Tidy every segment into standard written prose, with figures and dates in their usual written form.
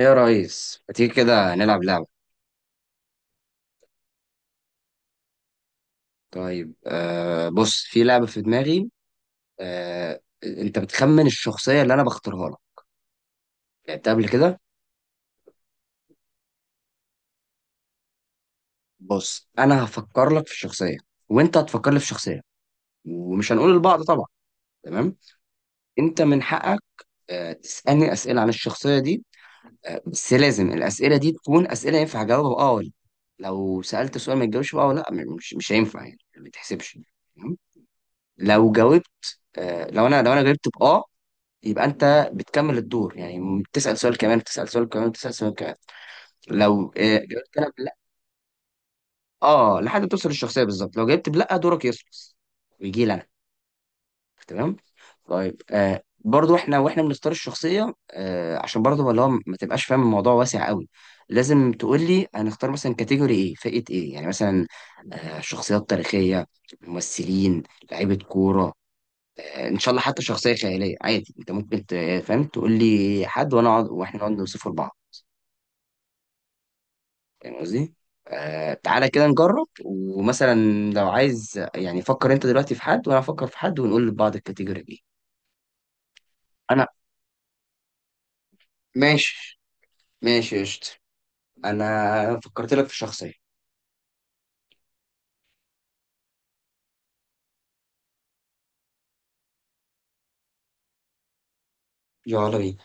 ايه يا ريس، ما تيجي كده نلعب لعبة؟ طيب بص، في لعبة في دماغي. انت بتخمن الشخصية اللي انا بختارها لك، لعبتها قبل كده. بص، انا هفكر لك في شخصية، وانت هتفكر لي في شخصية، ومش هنقول لبعض طبعا. تمام. انت من حقك تسألني أسئلة عن الشخصية دي. بس لازم الأسئلة دي تكون أسئلة ينفع أجاوبها اه ولا لأ. لو سألت سؤال ما تجاوبش بقى ولا لا مش هينفع يعني، ما تحسبش. تمام؟ لو جاوبت لو انا جاوبت باه، يبقى انت بتكمل الدور يعني، بتسال سؤال كمان، بتسال سؤال كمان، بتسال سؤال كمان. لو جاوبت انا بلا اه لحد ما توصل للشخصيه بالظبط، لو جاوبت بلا دورك يخلص ويجي لي انا. تمام. طيب برضو احنا بنختار الشخصيه، عشان برضو اللي هو ما تبقاش فاهم، الموضوع واسع قوي. لازم تقول لي هنختار مثلا كاتيجوري ايه، فئه ايه يعني. مثلا شخصيات تاريخيه، ممثلين، لعيبه كوره، ان شاء الله حتى شخصيه خياليه عادي. انت ممكن فاهم، تقول لي حد وانا اقعد واحنا نقعد نوصفه لبعض. فاهم قصدي؟ تعالى كده نجرب، ومثلا لو عايز يعني فكر انت دلوقتي في حد، وانا افكر في حد، ونقول لبعض الكاتيجوري دي. انا ماشي. ماشي، قشطة. انا فكرت لك في شخصيه، يلا بينا.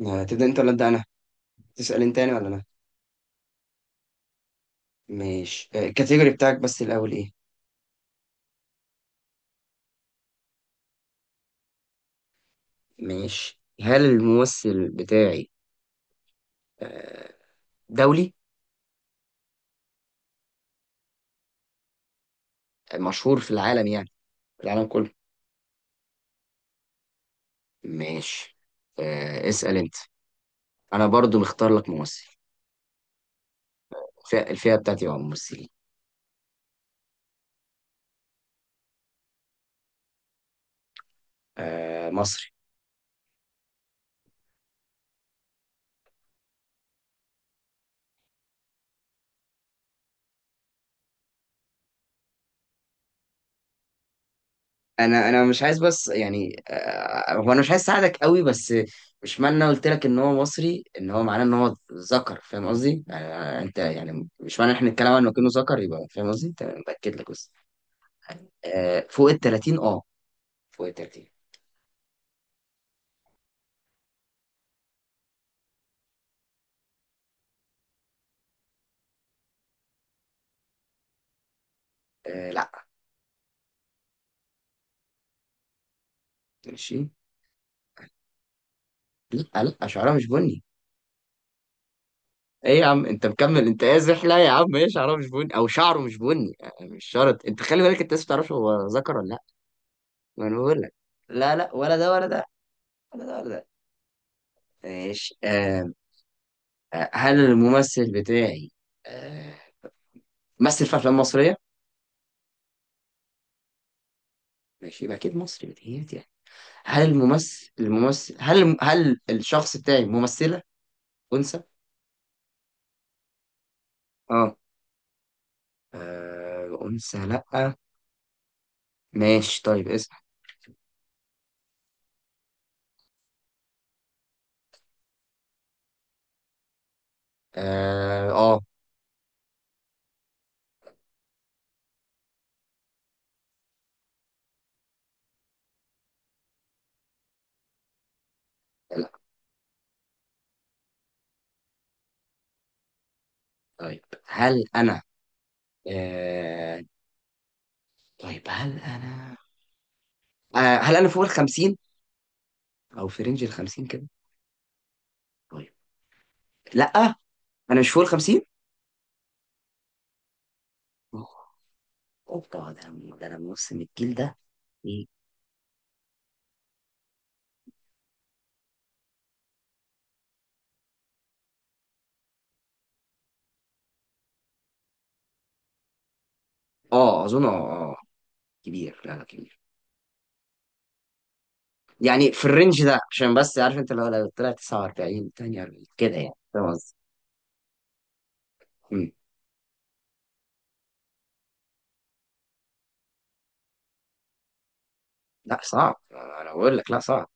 تبدا انت ولا ابدا انا؟ تسال انت يعني ولا انا؟ ماشي. الكاتيجوري بتاعك بس الاول ايه؟ ماشي. هل الممثل بتاعي آه، دولي، مشهور في العالم يعني، في العالم كله؟ ماشي. اسأل انت، انا برضو مختار لك ممثل. الفئة بتاعتي هو ممثلين، مصري. انا مش عايز بس يعني، هو انا مش عايز اساعدك قوي، بس مش معنى انا قلت لك ان هو مصري ان هو معناه ان هو ذكر، فاهم قصدي؟ انت يعني مش معنى احنا نتكلم عنه كأنه ذكر يبقى، فاهم قصدي؟ تمام، باكد لك بس. فوق ال 30 اه، فوق ال 30. لا. ماشي. لا لا، شعرها مش بني. ايه يا عم، انت مكمل؟ انت قازح. لا يا عم، ايه شعره مش بني او شعره مش بني؟ مش شرط. انت خلي بالك، انت لسه بتعرفش هو ذكر ولا لا. ما انا بقول لك لا، لا ولا ده ولا ده ولا ده ولا ده. ماشي. هل الممثل بتاعي آه مثل في افلام مصريه؟ ماشي، يبقى اكيد مصري بتهيألي يعني. هل الممثل الممثل هل هل الشخص بتاعي ممثله انثى؟ اه انثى لا. ماشي. طيب اسم اه لا. طيب هل انا آه، طيب هل انا هل انا فوق ال 50 او في رينج ال 50 كده؟ طيب لا، انا مش فوق ال 50. اوبا، ده انا من نص، من الجيل ده. ايه؟ اه اظن. اه كبير لا لا، كبير. يعني في الرينج ده، عشان بس عارف انت، لو لو طلع 49 42 كده، يعني فاهم قصدي. مم. لا صعب، انا بقول لك لا صعب.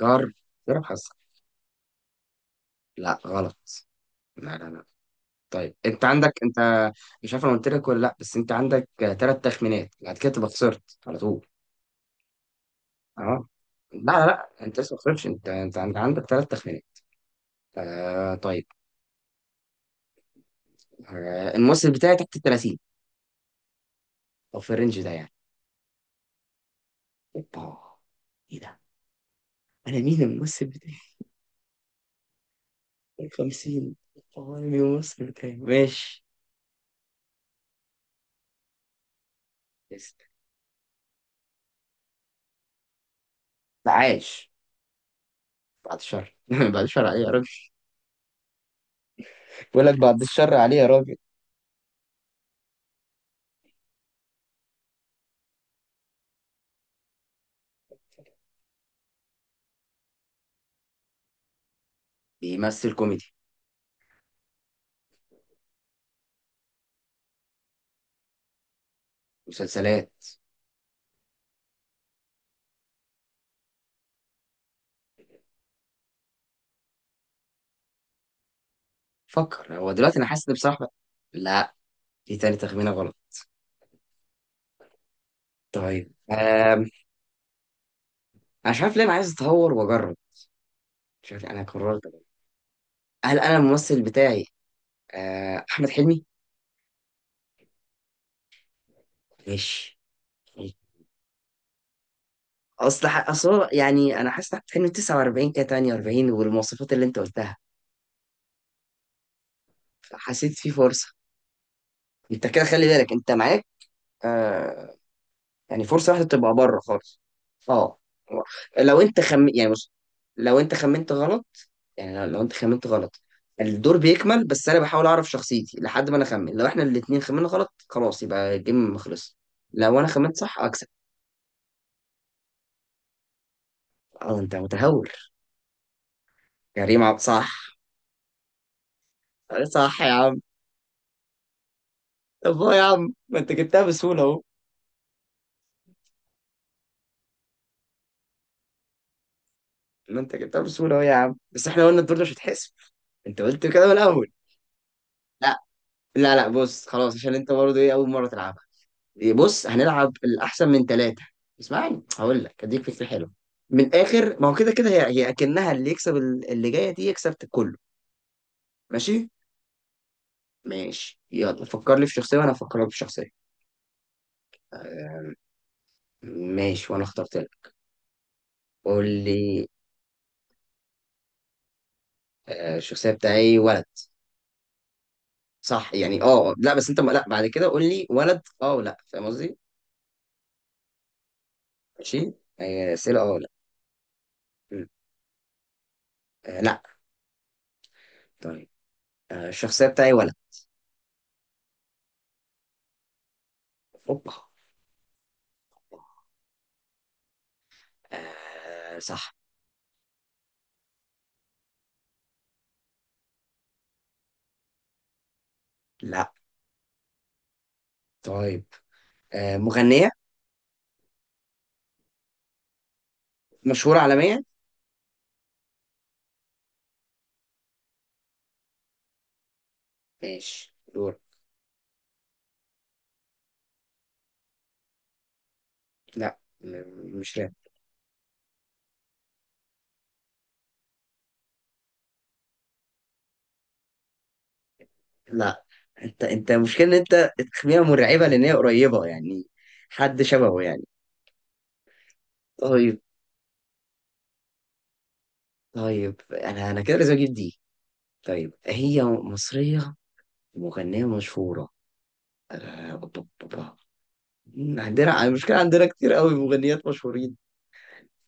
جرب. جرب حظك. لا غلط. لا لا لا. طيب انت عندك، مش عارف انا قلت لك ولا لا، بس انت عندك ثلاث تخمينات، بعد كده تبقى خسرت على طول. اه لا لا لا، انت لسه ما خسرتش، انت انت عندك ثلاث تخمينات. طيب. الممثل بتاعي تحت ال 30 او في الرينج ده يعني؟ اوبا، ايه ده، انا مين الممثل بتاعي؟ 50، اوبا، انا مين الممثل بتاعي؟ ماشي. لسه. لا عايش، بعد الشر بعد الشر عليه يا راجل. بقول لك بعد الشر عليه يا راجل. بيمثل كوميدي. مسلسلات. فكر هو دلوقتي، انا حاسس ان بصراحه. لا، دي تاني تخمينه غلط. طيب انا مش عارف ليه انا عايز اتهور واجرب. مش عارف، انا قررت. هل انا الممثل بتاعي احمد حلمي؟ ماشي. اصل اصل هو يعني، انا حاسس إن احمد حلمي 49 كده 48، والمواصفات اللي انت قلتها، فحسيت في فرصه. انت كده خلي بالك، انت معاك آه يعني فرصه واحده، تبقى بره خالص. اه. لو انت خم يعني بص، لو انت خمنت غلط، يعني لو انت خمنت غلط، الدور بيكمل، بس انا بحاول اعرف شخصيتي لحد ما انا اخمن. لو احنا الاتنين خمنا غلط، خلاص يبقى الجيم خلص. لو انا خمنت صح اكسب. اه، انت متهور. كريم عبد، صح. صح يا عم. طب هو يا عم، ما انت جبتها بسهولة اهو. ما انت جبتها بسهولة اهو يا عم، بس احنا قلنا الدور ده مش هيتحسب، انت قلت كده من الاول. لا لا لا، بص خلاص، عشان انت برضه ايه اول مرة تلعبها. إيه، بص هنلعب الاحسن من ثلاثة. اسمعني، هقول لك اديك فكرة حلوة. من الاخر، ما هو كده كده، هي اكنها، اللي جاية دي يكسب كله. ماشي. ماشي، يلا فكر لي في شخصية وانا افكر لك في شخصية. آه، ماشي، وانا اخترت لك، قول لي. الشخصية بتاعي ولد. صح يعني. اه لا، بس انت لا، بعد كده قول لي ولد اه ولا، فاهم قصدي؟ ماشي. اسئله اه ولا. مم. لا. طيب الشخصيه بتاعي ولد. اوبا. صح. لا. طيب مغنيه مشهوره عالميا. ماشي، دور. لا مش راب. لا، انت المشكله ان انت تخميها مرعبه، لان هي قريبه يعني، حد شبهه يعني. طيب. طيب، انا كده لازم اجيب دي. طيب هي مصريه، مغنيه مشهوره. أوبا، أوبا. عندنا المشكلة، عندنا كتير قوي مغنيات مشهورين.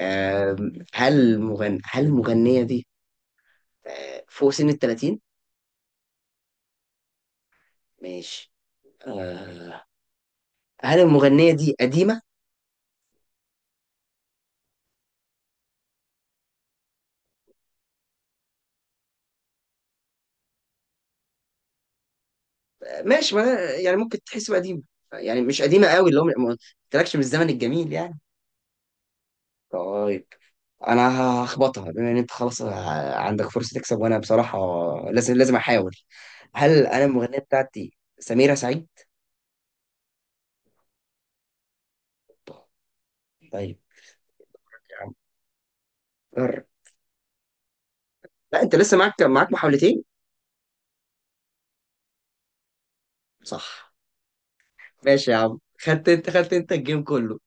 هل المغنية دي فوق سن ال 30؟ ماشي. آه، هل المغنية دي قديمة؟ ماشي، ما يعني ممكن تحسب قديمة، يعني مش قديمة قوي، اللي هو ما قلتلكش من الزمن الجميل يعني. طيب، انا هخبطها، بما ان انت خلاص عندك فرصة تكسب، وانا بصراحة لازم احاول. هل انا المغنية بتاعتي سميرة سعيد؟ طيب. طيب، يا عم جرب. لا، انت لسه معاك محاولتين. صح. ماشي يا عم، خدت انت الجيم كله.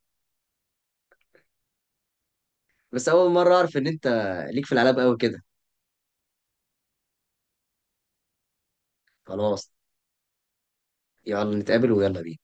بس اول مره اعرف ان انت ليك في الالعاب قوي كده. خلاص، يلا نتقابل ويلا بينا.